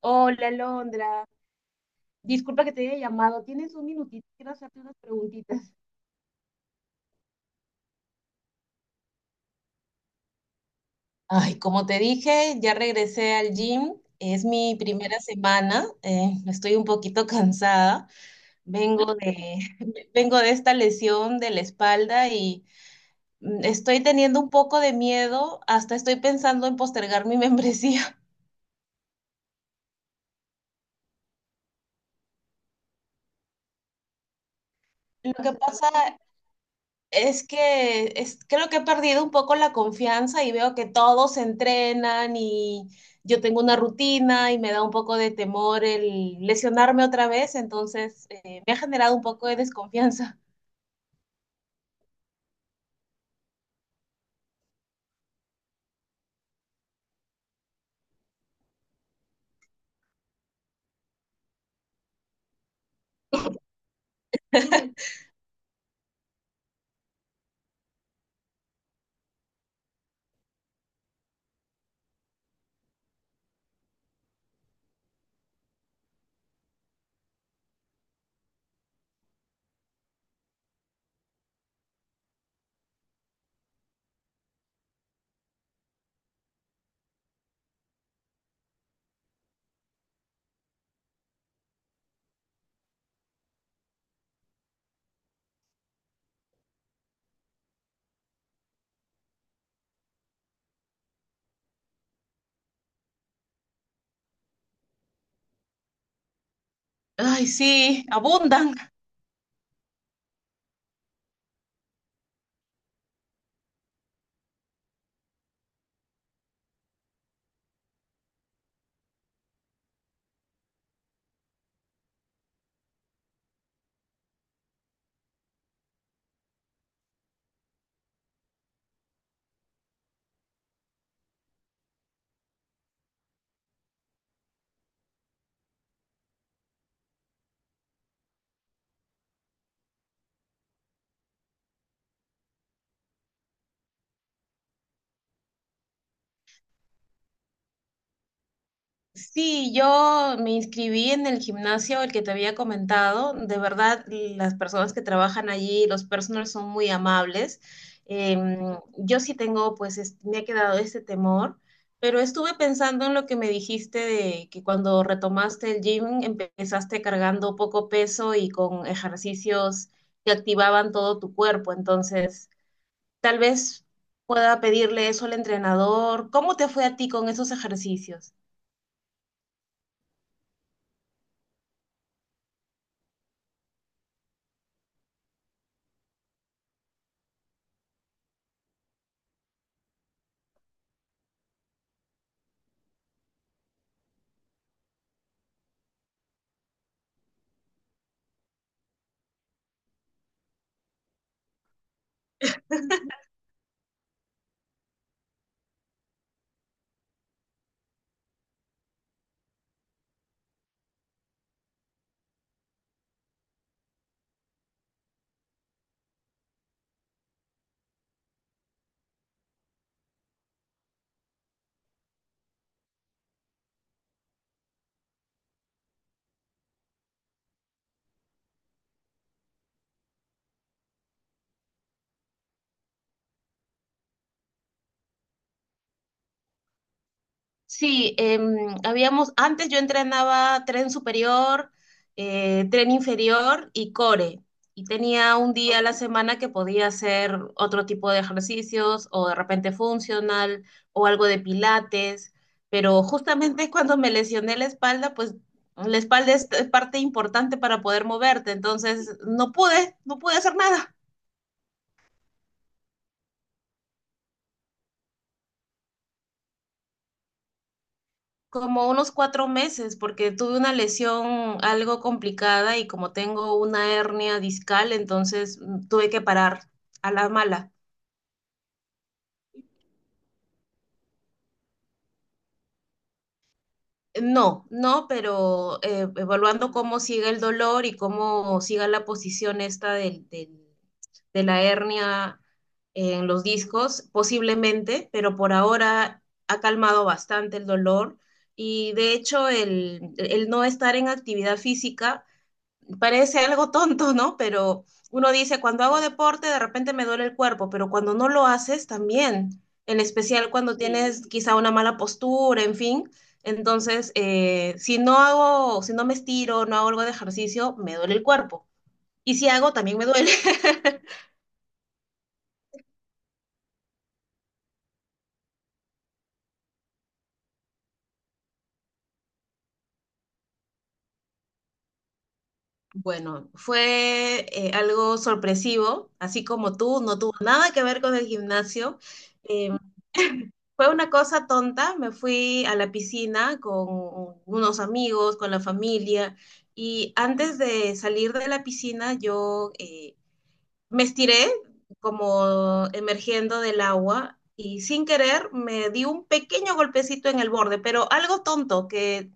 Hola, Alondra. Disculpa que te haya llamado. ¿Tienes un minutito? Quiero hacerte unas preguntitas. Ay, como te dije, ya regresé al gym. Es mi primera semana. Estoy un poquito cansada. Vengo de, vengo de esta lesión de la espalda y estoy teniendo un poco de miedo. Hasta estoy pensando en postergar mi membresía. Lo que pasa es que creo que he perdido un poco la confianza y veo que todos entrenan y yo tengo una rutina y me da un poco de temor el lesionarme otra vez, entonces me ha generado un poco de desconfianza. Ay, sí, abundan. Sí, yo me inscribí en el gimnasio, el que te había comentado. De verdad, las personas que trabajan allí, los personal son muy amables. Yo sí tengo, pues, me ha quedado ese temor, pero estuve pensando en lo que me dijiste de que cuando retomaste el gym empezaste cargando poco peso y con ejercicios que activaban todo tu cuerpo. Entonces, tal vez pueda pedirle eso al entrenador. ¿Cómo te fue a ti con esos ejercicios? Sí, antes yo entrenaba tren superior, tren inferior y core. Y tenía un día a la semana que podía hacer otro tipo de ejercicios o de repente funcional o algo de pilates. Pero justamente cuando me lesioné la espalda, pues la espalda es parte importante para poder moverte. Entonces no pude hacer nada. Como unos 4 meses, porque tuve una lesión algo complicada y como tengo una hernia discal, entonces tuve que parar a la mala. No, no, pero evaluando cómo sigue el dolor y cómo siga la posición esta de la hernia en los discos, posiblemente, pero por ahora ha calmado bastante el dolor. Y de hecho el no estar en actividad física parece algo tonto, ¿no? Pero uno dice, cuando hago deporte de repente me duele el cuerpo, pero cuando no lo haces también, en especial cuando sí tienes quizá una mala postura, en fin. Entonces, si no me estiro, no hago algo de ejercicio, me duele el cuerpo. Y si hago, también me duele. Bueno, fue algo sorpresivo, así como tú, no tuvo nada que ver con el gimnasio. Eh, fue una cosa tonta, me fui a la piscina con unos amigos, con la familia, y antes de salir de la piscina yo me estiré como emergiendo del agua y sin querer me di un pequeño golpecito en el borde, pero algo tonto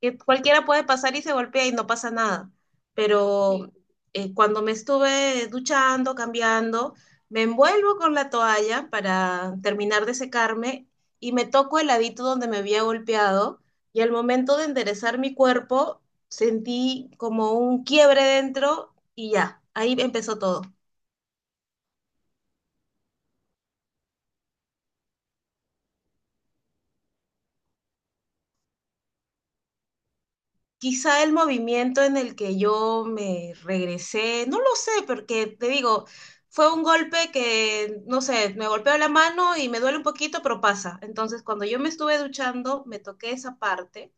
que cualquiera puede pasar y se golpea y no pasa nada. Pero cuando me estuve duchando, cambiando, me envuelvo con la toalla para terminar de secarme y me toco el ladito donde me había golpeado, y al momento de enderezar mi cuerpo sentí como un quiebre dentro y ya, ahí empezó todo. Quizá el movimiento en el que yo me regresé, no lo sé, porque te digo, fue un golpe que, no sé, me golpeó la mano y me duele un poquito, pero pasa. Entonces, cuando yo me estuve duchando, me toqué esa parte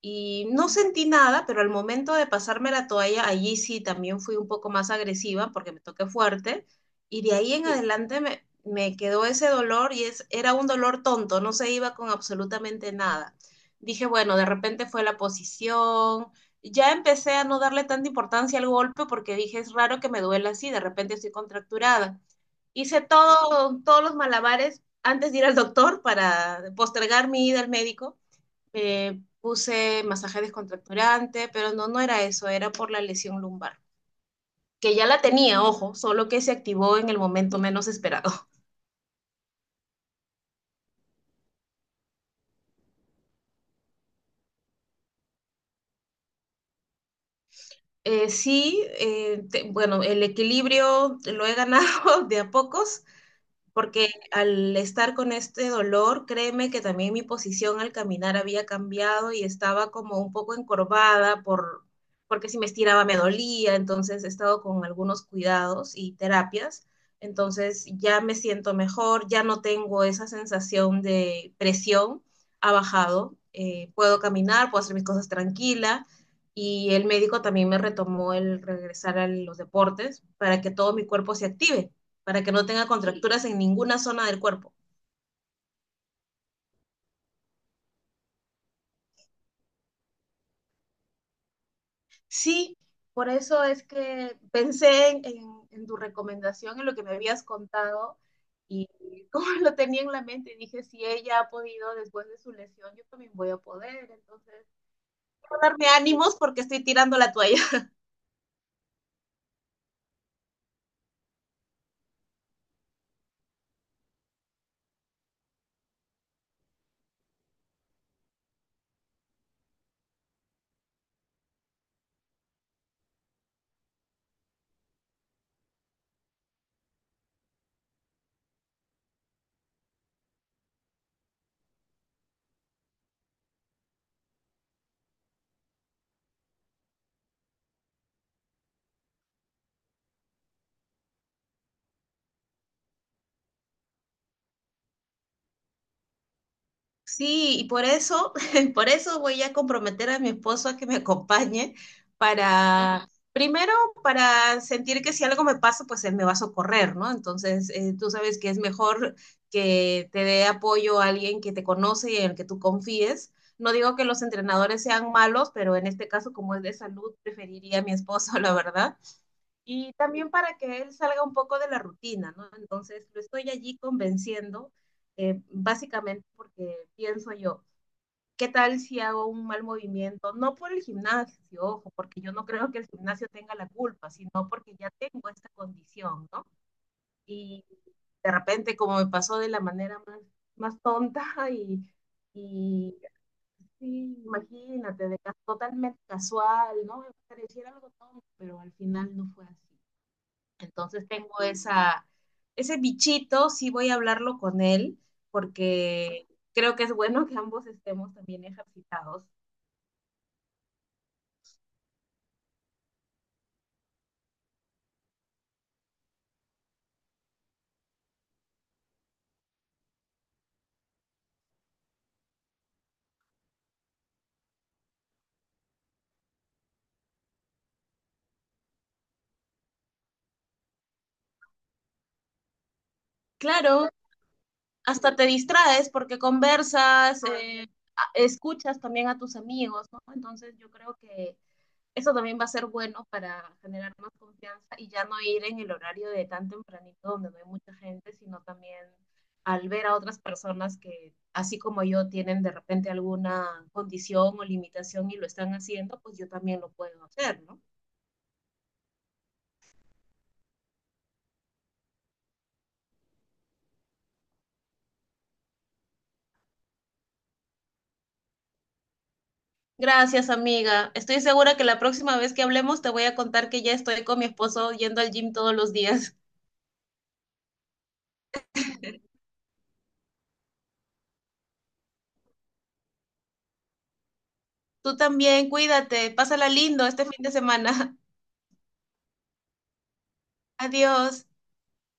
y no sentí nada, pero al momento de pasarme la toalla, allí sí también fui un poco más agresiva porque me toqué fuerte, y de ahí en sí adelante me quedó ese dolor, y era un dolor tonto, no se iba con absolutamente nada. Dije, bueno, de repente fue la posición. Ya empecé a no darle tanta importancia al golpe porque dije, es raro que me duela así, de repente estoy contracturada. Hice todo, todos los malabares antes de ir al doctor para postergar mi ida al médico. Puse masaje descontracturante, pero no, no era eso, era por la lesión lumbar, que ya la tenía, ojo, solo que se activó en el momento menos esperado. Bueno, el equilibrio lo he ganado de a pocos, porque al estar con este dolor, créeme que también mi posición al caminar había cambiado y estaba como un poco encorvada por, porque si me estiraba me dolía. Entonces he estado con algunos cuidados y terapias, entonces ya me siento mejor, ya no tengo esa sensación de presión, ha bajado. Puedo caminar, puedo hacer mis cosas tranquila. Y el médico también me retomó el regresar a los deportes para que todo mi cuerpo se active, para que no tenga contracturas en ninguna zona del cuerpo. Sí, por eso es que pensé en tu recomendación, en lo que me habías contado y como lo tenía en la mente, dije, si ella ha podido después de su lesión, yo también voy a poder. Entonces, quiero darme ánimos porque estoy tirando la toalla. Sí, y por eso, por eso voy a comprometer a mi esposo a que me acompañe, para, primero, para sentir que si algo me pasa, pues él me va a socorrer, ¿no? Entonces, tú sabes que es mejor que te dé apoyo a alguien que te conoce y en el que tú confíes. No digo que los entrenadores sean malos, pero en este caso, como es de salud, preferiría a mi esposo, la verdad. Y también para que él salga un poco de la rutina, ¿no? Entonces lo estoy allí convenciendo, básicamente porque pienso yo, ¿qué tal si hago un mal movimiento? No por el gimnasio, ojo, porque yo no creo que el gimnasio tenga la culpa, sino porque ya tengo esta condición, ¿no? Y de repente, como me pasó de la manera más tonta y, y así, imagínate, totalmente casual, ¿no? Me pareciera algo tonto, pero al final no fue así. Entonces tengo esa, ese bichito, sí voy a hablarlo con él, porque creo que es bueno que ambos estemos también ejercitados. Claro, hasta te distraes porque conversas, escuchas también a tus amigos, ¿no? Entonces yo creo que eso también va a ser bueno para generar más confianza y ya no ir en el horario de tan tempranito donde no hay mucha gente, sino también al ver a otras personas que, así como yo, tienen de repente alguna condición o limitación y lo están haciendo, pues yo también lo puedo hacer, ¿no? Gracias, amiga. Estoy segura que la próxima vez que hablemos te voy a contar que ya estoy con mi esposo yendo al gym todos los días. Tú también, cuídate, pásala lindo este fin de semana. Adiós.